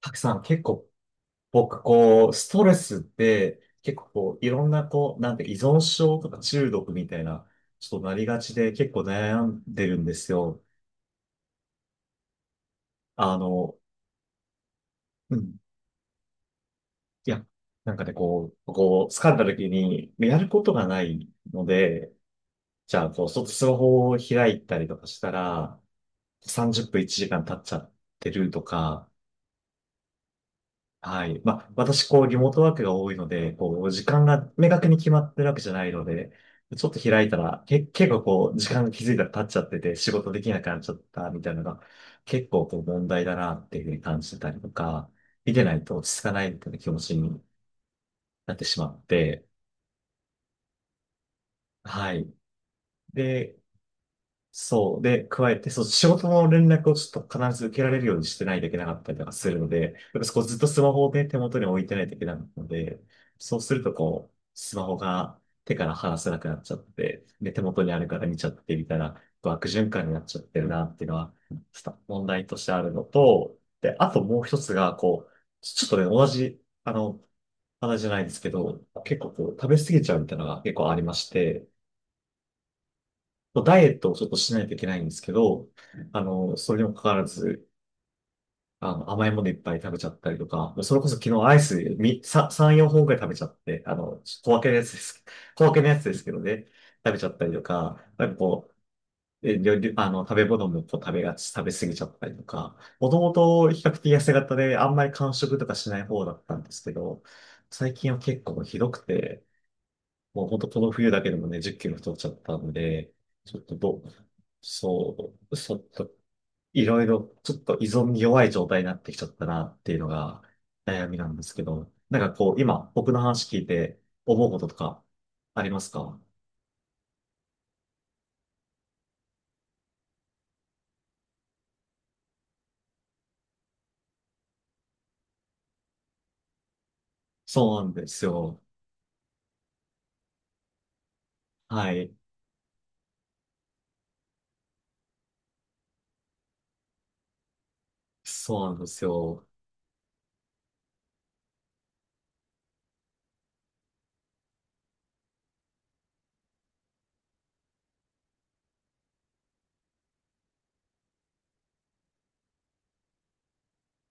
たくさん結構僕こう、ストレスって結構こう、いろんなこう、なんて依存症とか中毒みたいな、ちょっとなりがちで結構悩んでるんですよ。あの、うん。いや、なんかね、こう、疲れた時にやることがないので、じゃあこう、ちょっとスマホを開いたりとかしたら、30分1時間経っちゃってるとか、はい。まあ、私、こう、リモートワークが多いので、こう、時間が明確に決まってるわけじゃないので、ちょっと開いたら、結構こう、時間が気づいたら経っちゃってて、仕事できなくなっちゃったみたいなのが、結構こう、問題だなっていうふうに感じてたりとか、見てないと落ち着かないみたいな気持ちになってしまって、はい。で、そう。で、加えて、そう、仕事の連絡をちょっと必ず受けられるようにしてないといけなかったりとかするので、やっぱこうずっとスマホをね、手元に置いてないといけないので、そうするとこう、スマホが手から離せなくなっちゃって、で、手元にあるから見ちゃってみたいな、こう悪循環になっちゃってるなっていうのは、ちょっと問題としてあるのと、で、あともう一つが、こう、ちょっとね、同じ、あの、話じゃないですけど、結構こう、食べ過ぎちゃうみたいなのが結構ありまして、ダイエットをちょっとしないといけないんですけど、あの、それにもかかわらず、あの、甘いものいっぱい食べちゃったりとか、それこそ昨日アイスみさ3、4本くらい食べちゃって、あの、小分けのやつです。小分けのやつですけどね、食べちゃったりとか、なんかこう、料理あの、食べ物もこう食べがち、食べ過ぎちゃったりとか、もともと比較的痩せ型であんまり間食とかしない方だったんですけど、最近は結構ひどくて、もう本当この冬だけでもね、10キロ太っちゃったんで、ちょっとど、そう、ちょっと、いろいろ、ちょっと依存に弱い状態になってきちゃったなっていうのが悩みなんですけど、なんかこう、今、僕の話聞いて思うこととかありますか？そうなんですよ。はい。そうなんですよ。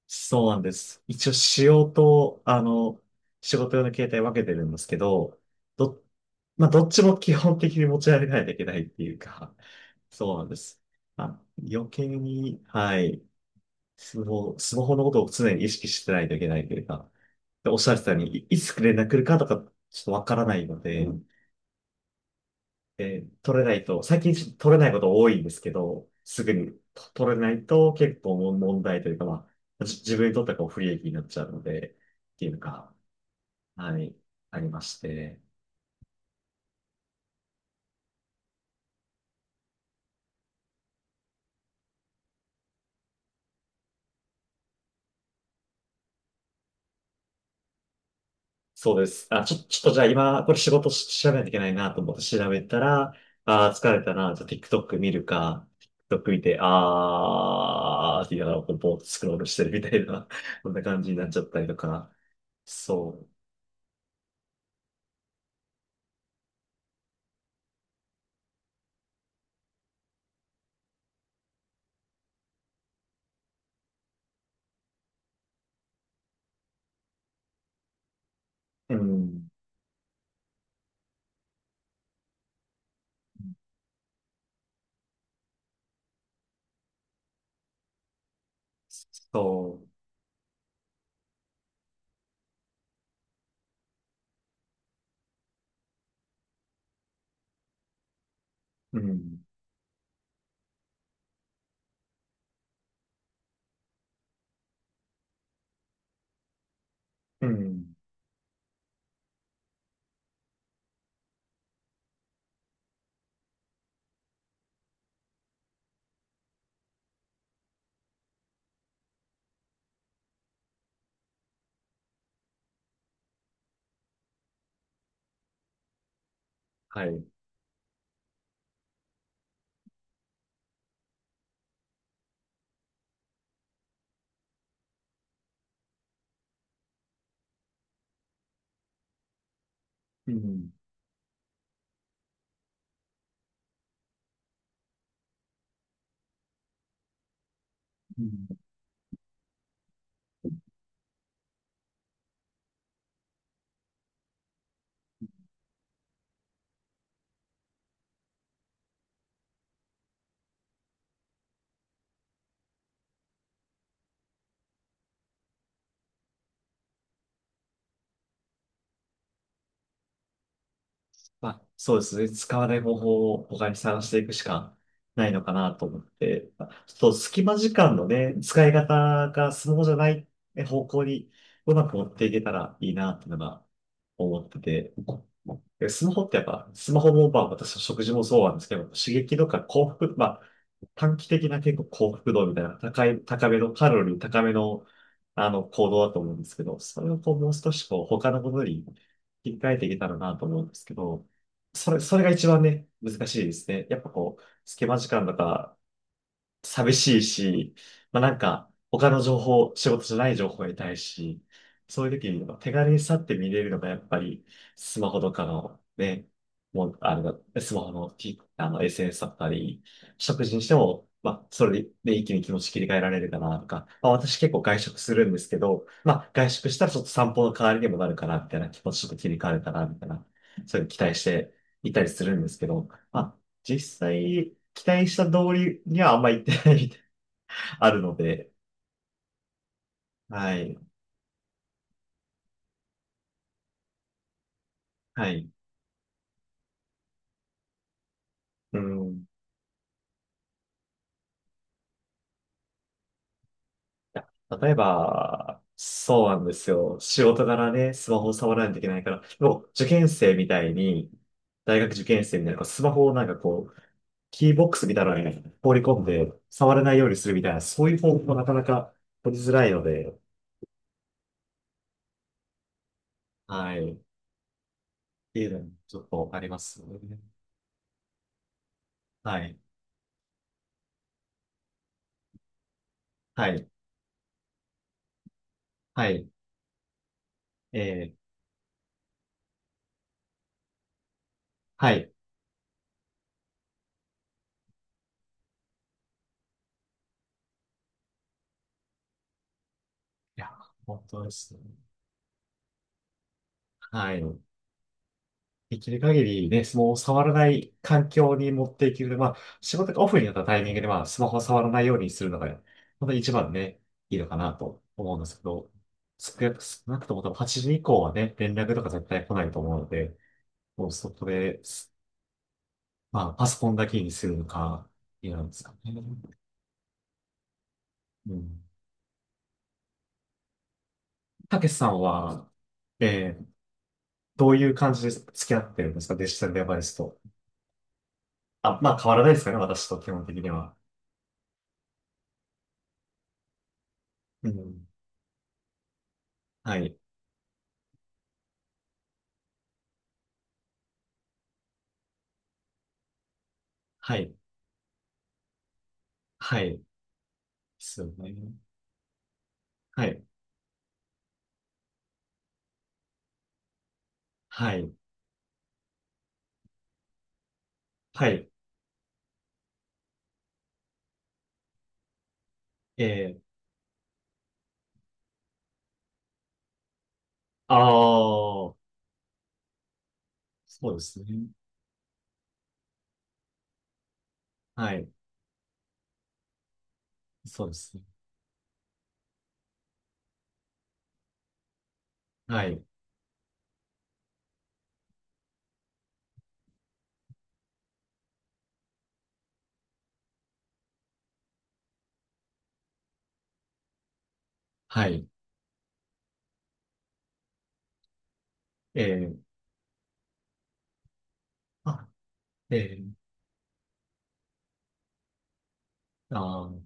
そうなんです。一応仕様と、あの、仕事用の携帯分けてるんですけど、ど、まあ、どっちも基本的に持ち歩かないといけないっていうか、そうなんです。まあ、余計に、はい、スマホのことを常に意識してないといけないというか、でおっしゃってたように、いつ連絡来るかとか、ちょっとわからないので、取れないと、最近ちょっと取れないこと多いんですけど、すぐに取れないと結構問題というか、まあ、自分にとってはこう不利益になっちゃうので、っていうのが、はい、ありまして。そうです。ちょっとじゃあ今、これ仕事し調べないといけないなと思って調べたら、あー、疲れたな、じゃあ TikTok 見るか、TikTok 見て、あーって言いながら、こう、ぼーっとスクロールしてるみたいな、こんな感じになっちゃったりとか、そう、うん、そう、うん。うん、はい。うん。うん、まあ、そうですね。使わない方法を他に探していくしかないのかなと思って、まあちょっと隙間時間のね、使い方がスマホじゃない方向にうまく持っていけたらいいなっていうのが思ってて、でスマホってやっぱ、スマホもまあ私の食事もそうなんですけど、刺激とか幸福、まあ、短期的な結構幸福度みたいな高い、高めの、カロリー高めの、あの、行動だと思うんですけど、それをこう、もう少しこう、他のことに切り替えていけたらなと思うんですけど、それが一番ね、難しいですね。やっぱこう、隙間時間とか、寂しいし、まあなんか、他の情報、仕事じゃない情報を得たいし、そういう時に手軽にさって見れるのがやっぱり、スマホとかのね、もう、あの、スマホの、SNS だったり、食事にしても、まあ、それで一気に気持ち切り替えられるかなとか、まあ私結構外食するんですけど、まあ外食したらちょっと散歩の代わりにもなるかな、みたいな気持ちちょっと切り替わるかな、みたいな、そういうの期待していたりするんですけど、まあ実際、期待した通りにはあんまり行ってないみたいな、あるので、はい、はい。うん。例えば、そうなんですよ。仕事柄ね、スマホを触らないといけないから、でもう受験生みたいに、大学受験生みたいな、スマホをなんかこう、キーボックスみたいなのに放り込んで、触れないようにするみたいな、そういう方法もなかなか取りづらいので、はい。っていうのもちょっとありますよね。はい。はい。はい。えー、はい。いや、本当ですね。はい。できる限りね、スマホを触らない環境に持っていける。まあ、仕事がオフになったタイミングで、まあ、スマホを触らないようにするのが、本当に一番ね、いいのかなと思うんですけど、少なくとも多分8時以降はね、連絡とか絶対来ないと思うので、もうそこで、まあ、パソコンだけにするのか、いいなんですかね。うん。たけしさんは、えー、どういう感じで付き合ってるんですかデジタルデバイスと。あ、まあ変わらないですかね、私と基本的には。うん。はい。はい。はい。ですよね。はい。はい。はい。えー、ああ、そうですね。はい。そうですね。はい。はい。えー、あ、えー、あー、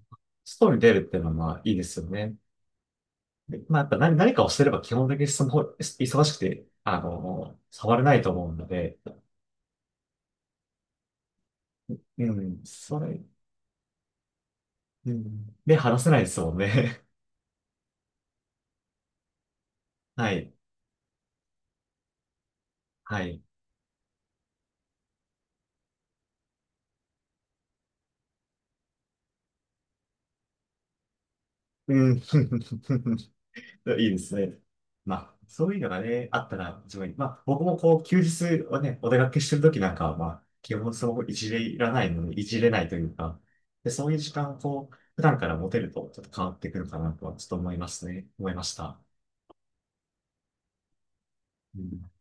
ストーリー出るっていうのはまあいいですよね。でまあ、やっぱ何かをしてれば基本的にスマホ、忙しくて、あの、触れないと思うので、うん、それ、うん、で、話せないですもんね。はい。はい。うん。いいですね。まあ、そういうのがね、あったら、自分に、まあ、僕もこう、休日はね、お出かけしてるときなんかは、まあ、基本いじれいらないので、いじれないというか、で、そういう時間をこう、普段から持てると、ちょっと変わってくるかなとは、ちょっと思いますね。思いました。うん